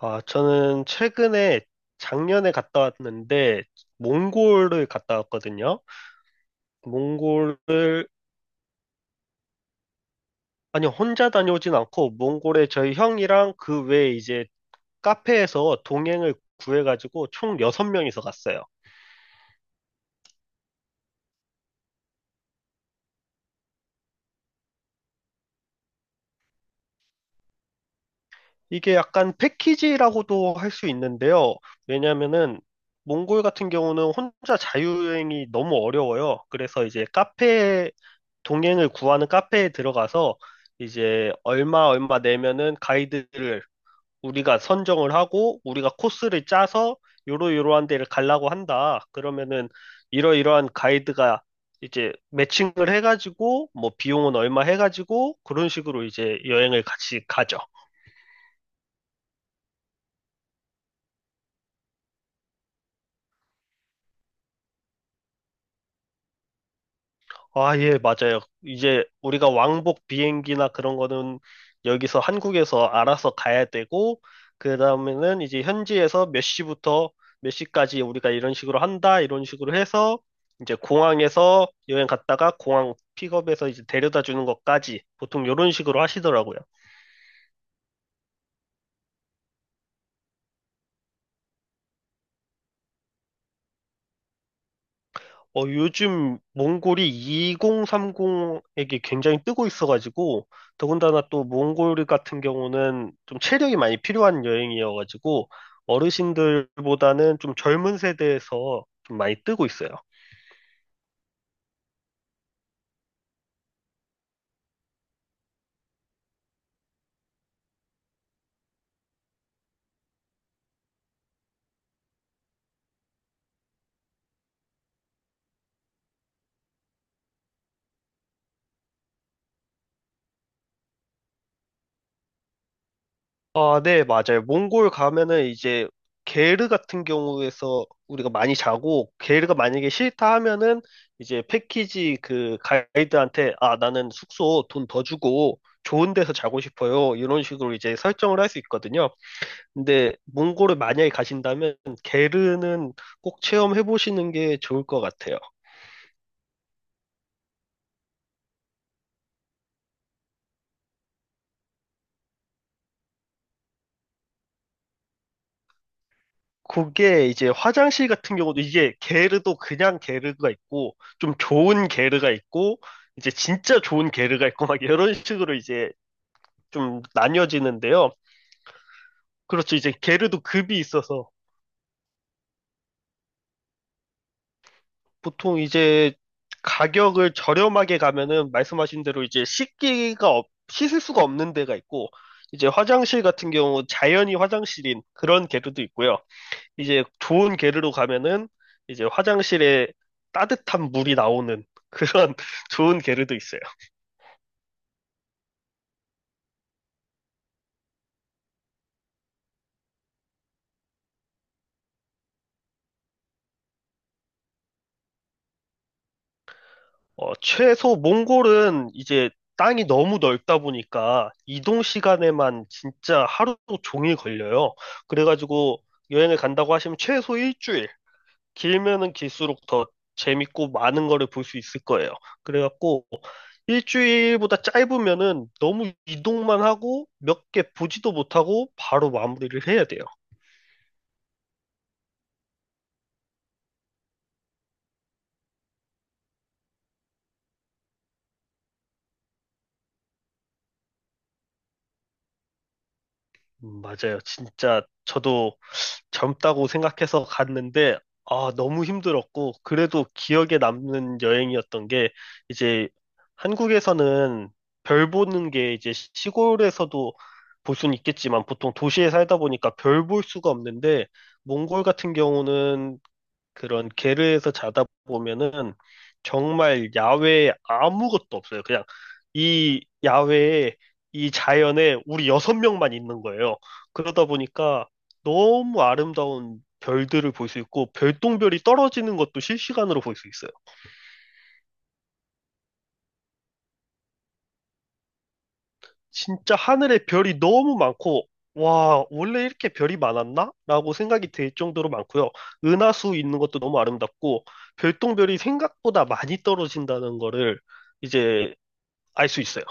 아, 저는 최근에 작년에 갔다 왔는데 몽골을 갔다 왔거든요. 몽골을 아니 혼자 다녀오진 않고 몽골에 저희 형이랑 그 외에 이제 카페에서 동행을 구해가지고 총 6명이서 갔어요. 이게 약간 패키지라고도 할 수 있는데요. 왜냐면은 몽골 같은 경우는 혼자 자유여행이 너무 어려워요. 그래서 이제 카페 동행을 구하는 카페에 들어가서 이제 얼마 내면은 가이드를 우리가 선정을 하고 우리가 코스를 짜서 요로요로한 데를 가려고 한다. 그러면은 이러이러한 가이드가 이제 매칭을 해가지고 뭐 비용은 얼마 해가지고 그런 식으로 이제 여행을 같이 가죠. 아, 예, 맞아요. 이제 우리가 왕복 비행기나 그런 거는 여기서 한국에서 알아서 가야 되고, 그 다음에는 이제 현지에서 몇 시부터 몇 시까지 우리가 이런 식으로 한다, 이런 식으로 해서 이제 공항에서 여행 갔다가 공항 픽업해서 이제 데려다 주는 것까지 보통 이런 식으로 하시더라고요. 어, 요즘 몽골이 2030에게 굉장히 뜨고 있어가지고, 더군다나 또 몽골 같은 경우는 좀 체력이 많이 필요한 여행이어가지고, 어르신들보다는 좀 젊은 세대에서 좀 많이 뜨고 있어요. 아, 네, 맞아요. 몽골 가면은 이제 게르 같은 경우에서 우리가 많이 자고 게르가 만약에 싫다 하면은 이제 패키지 그 가이드한테 아, 나는 숙소 돈 더 주고 좋은 데서 자고 싶어요. 이런 식으로 이제 설정을 할 수 있거든요. 근데 몽골을 만약에 가신다면 게르는 꼭 체험해 보시는 게 좋을 것 같아요. 그게 이제 화장실 같은 경우도 이게 게르도 그냥 게르가 있고 좀 좋은 게르가 있고 이제 진짜 좋은 게르가 있고 막 이런 식으로 이제 좀 나뉘어지는데요. 그렇죠. 이제 게르도 급이 있어서 보통 이제 가격을 저렴하게 가면은 말씀하신 대로 이제 씻기가 없, 씻을 수가 없는 데가 있고 이제 화장실 같은 경우 자연이 화장실인 그런 게르도 있고요. 이제 좋은 게르로 가면은 이제 화장실에 따뜻한 물이 나오는 그런 좋은 게르도 있어요. 어, 최소 몽골은 이제 땅이 너무 넓다 보니까 이동 시간에만 진짜 하루 종일 걸려요. 그래가지고 여행을 간다고 하시면 최소 일주일, 길면은 길수록 더 재밌고 많은 거를 볼 수 있을 거예요. 그래갖고 일주일보다 짧으면은 너무 이동만 하고 몇 개 보지도 못하고 바로 마무리를 해야 돼요. 맞아요. 진짜 저도 젊다고 생각해서 갔는데, 아, 너무 힘들었고, 그래도 기억에 남는 여행이었던 게, 이제 한국에서는 별 보는 게 이제 시골에서도 볼 수는 있겠지만, 보통 도시에 살다 보니까 별 볼 수가 없는데, 몽골 같은 경우는 그런 게르에서 자다 보면은 정말 야외에 아무것도 없어요. 그냥 이 야외에 이 자연에 우리 여섯 명만 있는 거예요. 그러다 보니까 너무 아름다운 별들을 볼 수 있고 별똥별이 떨어지는 것도 실시간으로 볼 수 있어요. 진짜 하늘에 별이 너무 많고 와, 원래 이렇게 별이 많았나? 라고 생각이 들 정도로 많고요. 은하수 있는 것도 너무 아름답고 별똥별이 생각보다 많이 떨어진다는 거를 이제 알 수 있어요.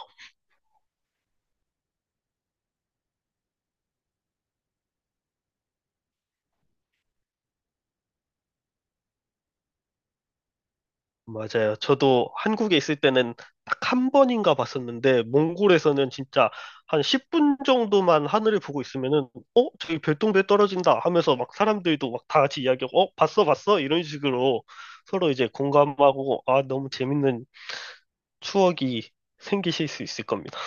맞아요. 저도 한국에 있을 때는 딱 한 번인가 봤었는데, 몽골에서는 진짜 한 10분 정도만 하늘을 보고 있으면은, 어? 저기 별똥별 떨어진다 하면서 막 사람들도 막 다 같이 이야기하고, 어? 봤어, 봤어? 이런 식으로 서로 이제 공감하고, 아, 너무 재밌는 추억이 생기실 수 있을 겁니다.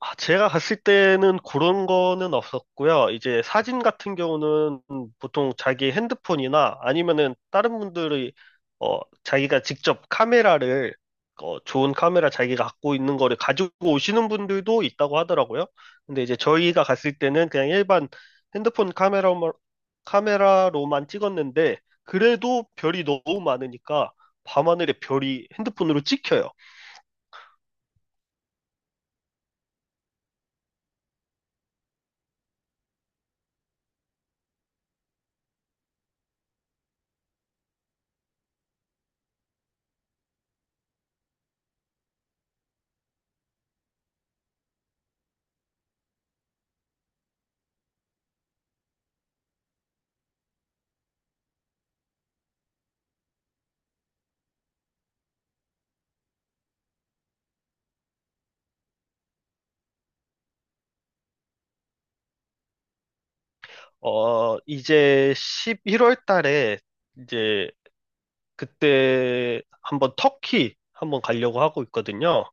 아, 제가 갔을 때는 그런 거는 없었고요. 이제 사진 같은 경우는 보통 자기 핸드폰이나 아니면은 다른 분들이 자기가 직접 카메라를 좋은 카메라 자기가 갖고 있는 거를 가지고 오시는 분들도 있다고 하더라고요. 근데 이제 저희가 갔을 때는 그냥 일반 핸드폰 카메라로만 찍었는데 그래도 별이 너무 많으니까 밤하늘에 별이 핸드폰으로 찍혀요. 어, 이제 11월 달에 이제 그때 한번 터키 한번 가려고 하고 있거든요.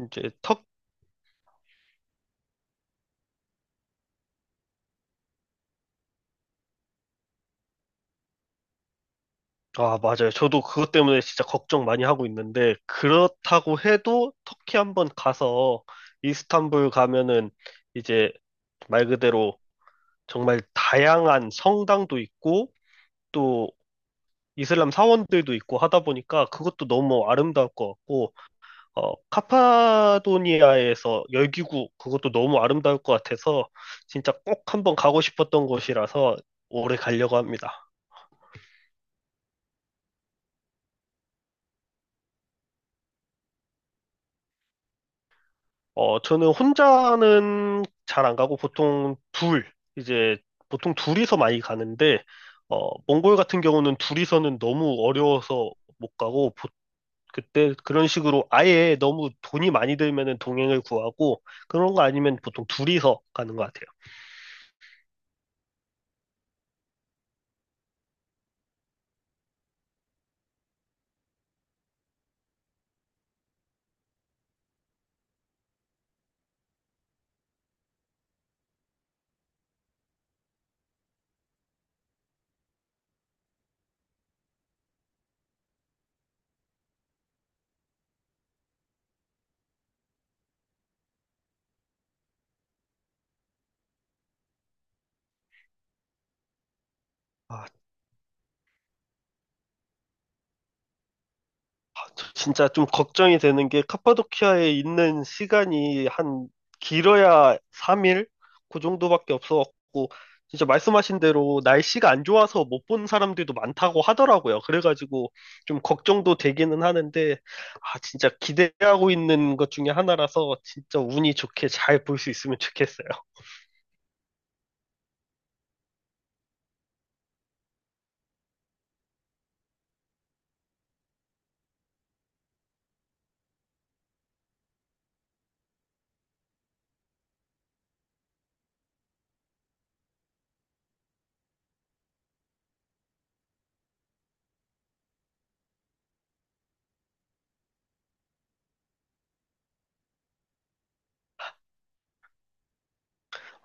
이제 터, 아, 맞아요. 저도 그것 때문에 진짜 걱정 많이 하고 있는데 그렇다고 해도 터키 한번 가서 이스탄불 가면은 이제 말 그대로 정말 다양한 성당도 있고 또 이슬람 사원들도 있고 하다 보니까 그것도 너무 아름다울 것 같고 어, 카파도니아에서 열기구 그것도 너무 아름다울 것 같아서 진짜 꼭 한번 가고 싶었던 곳이라서 오래 가려고 합니다. 어, 저는 혼자는 잘 안 가고 보통 둘, 이제 보통 둘이서 많이 가는데 어, 몽골 같은 경우는 둘이서는 너무 어려워서 못 가고 보- 그때 그런 식으로 아예 너무 돈이 많이 들면은 동행을 구하고 그런 거 아니면 보통 둘이서 가는 것 같아요. 아, 저 진짜 좀 걱정이 되는 게 카파도키아에 있는 시간이 한 길어야 3일? 그 정도밖에 없어갖고 진짜 말씀하신 대로 날씨가 안 좋아서 못 본 사람들도 많다고 하더라고요. 그래가지고 좀 걱정도 되기는 하는데 아 진짜 기대하고 있는 것 중에 하나라서 진짜 운이 좋게 잘 볼 수 있으면 좋겠어요.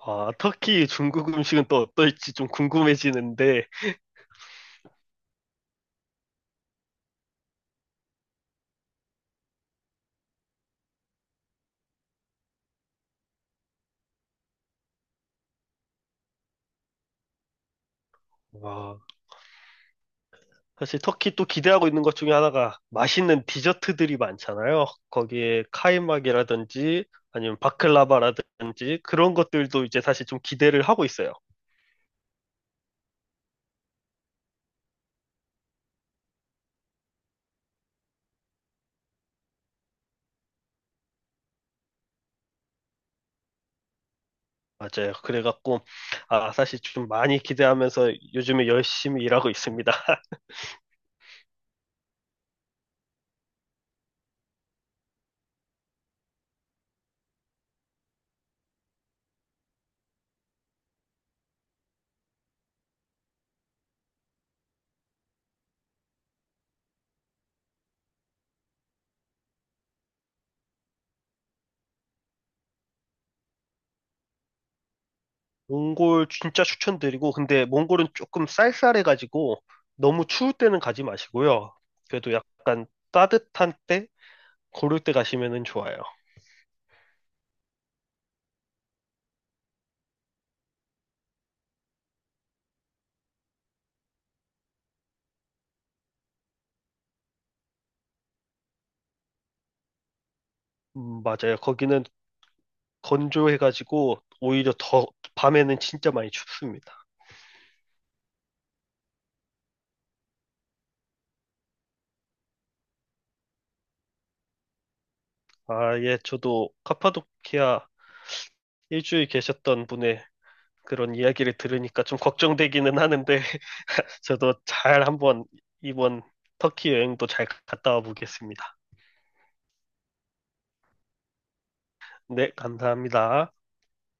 아 터키 중국 음식은 또 어떨지 좀 궁금해지는데 와 사실 터키 또 기대하고 있는 것 중에 하나가 맛있는 디저트들이 많잖아요. 거기에 카이막이라든지 아니면 바클라바라든지 그런 것들도 이제 사실 좀 기대를 하고 있어요. 맞아요. 그래갖고 아 사실 좀 많이 기대하면서 요즘에 열심히 일하고 있습니다. 몽골 진짜 추천드리고 근데 몽골은 조금 쌀쌀해가지고 너무 추울 때는 가지 마시고요. 그래도 약간 따뜻한 때 고를 때 가시면은 좋아요. 맞아요. 거기는 건조해가지고 오히려 더 밤에는 진짜 많이 춥습니다. 아, 예, 저도 카파도키아 일주일 계셨던 분의 그런 이야기를 들으니까 좀 걱정되기는 하는데 저도 잘 한번 이번 터키 여행도 잘 갔다 와 보겠습니다. 네, 감사합니다.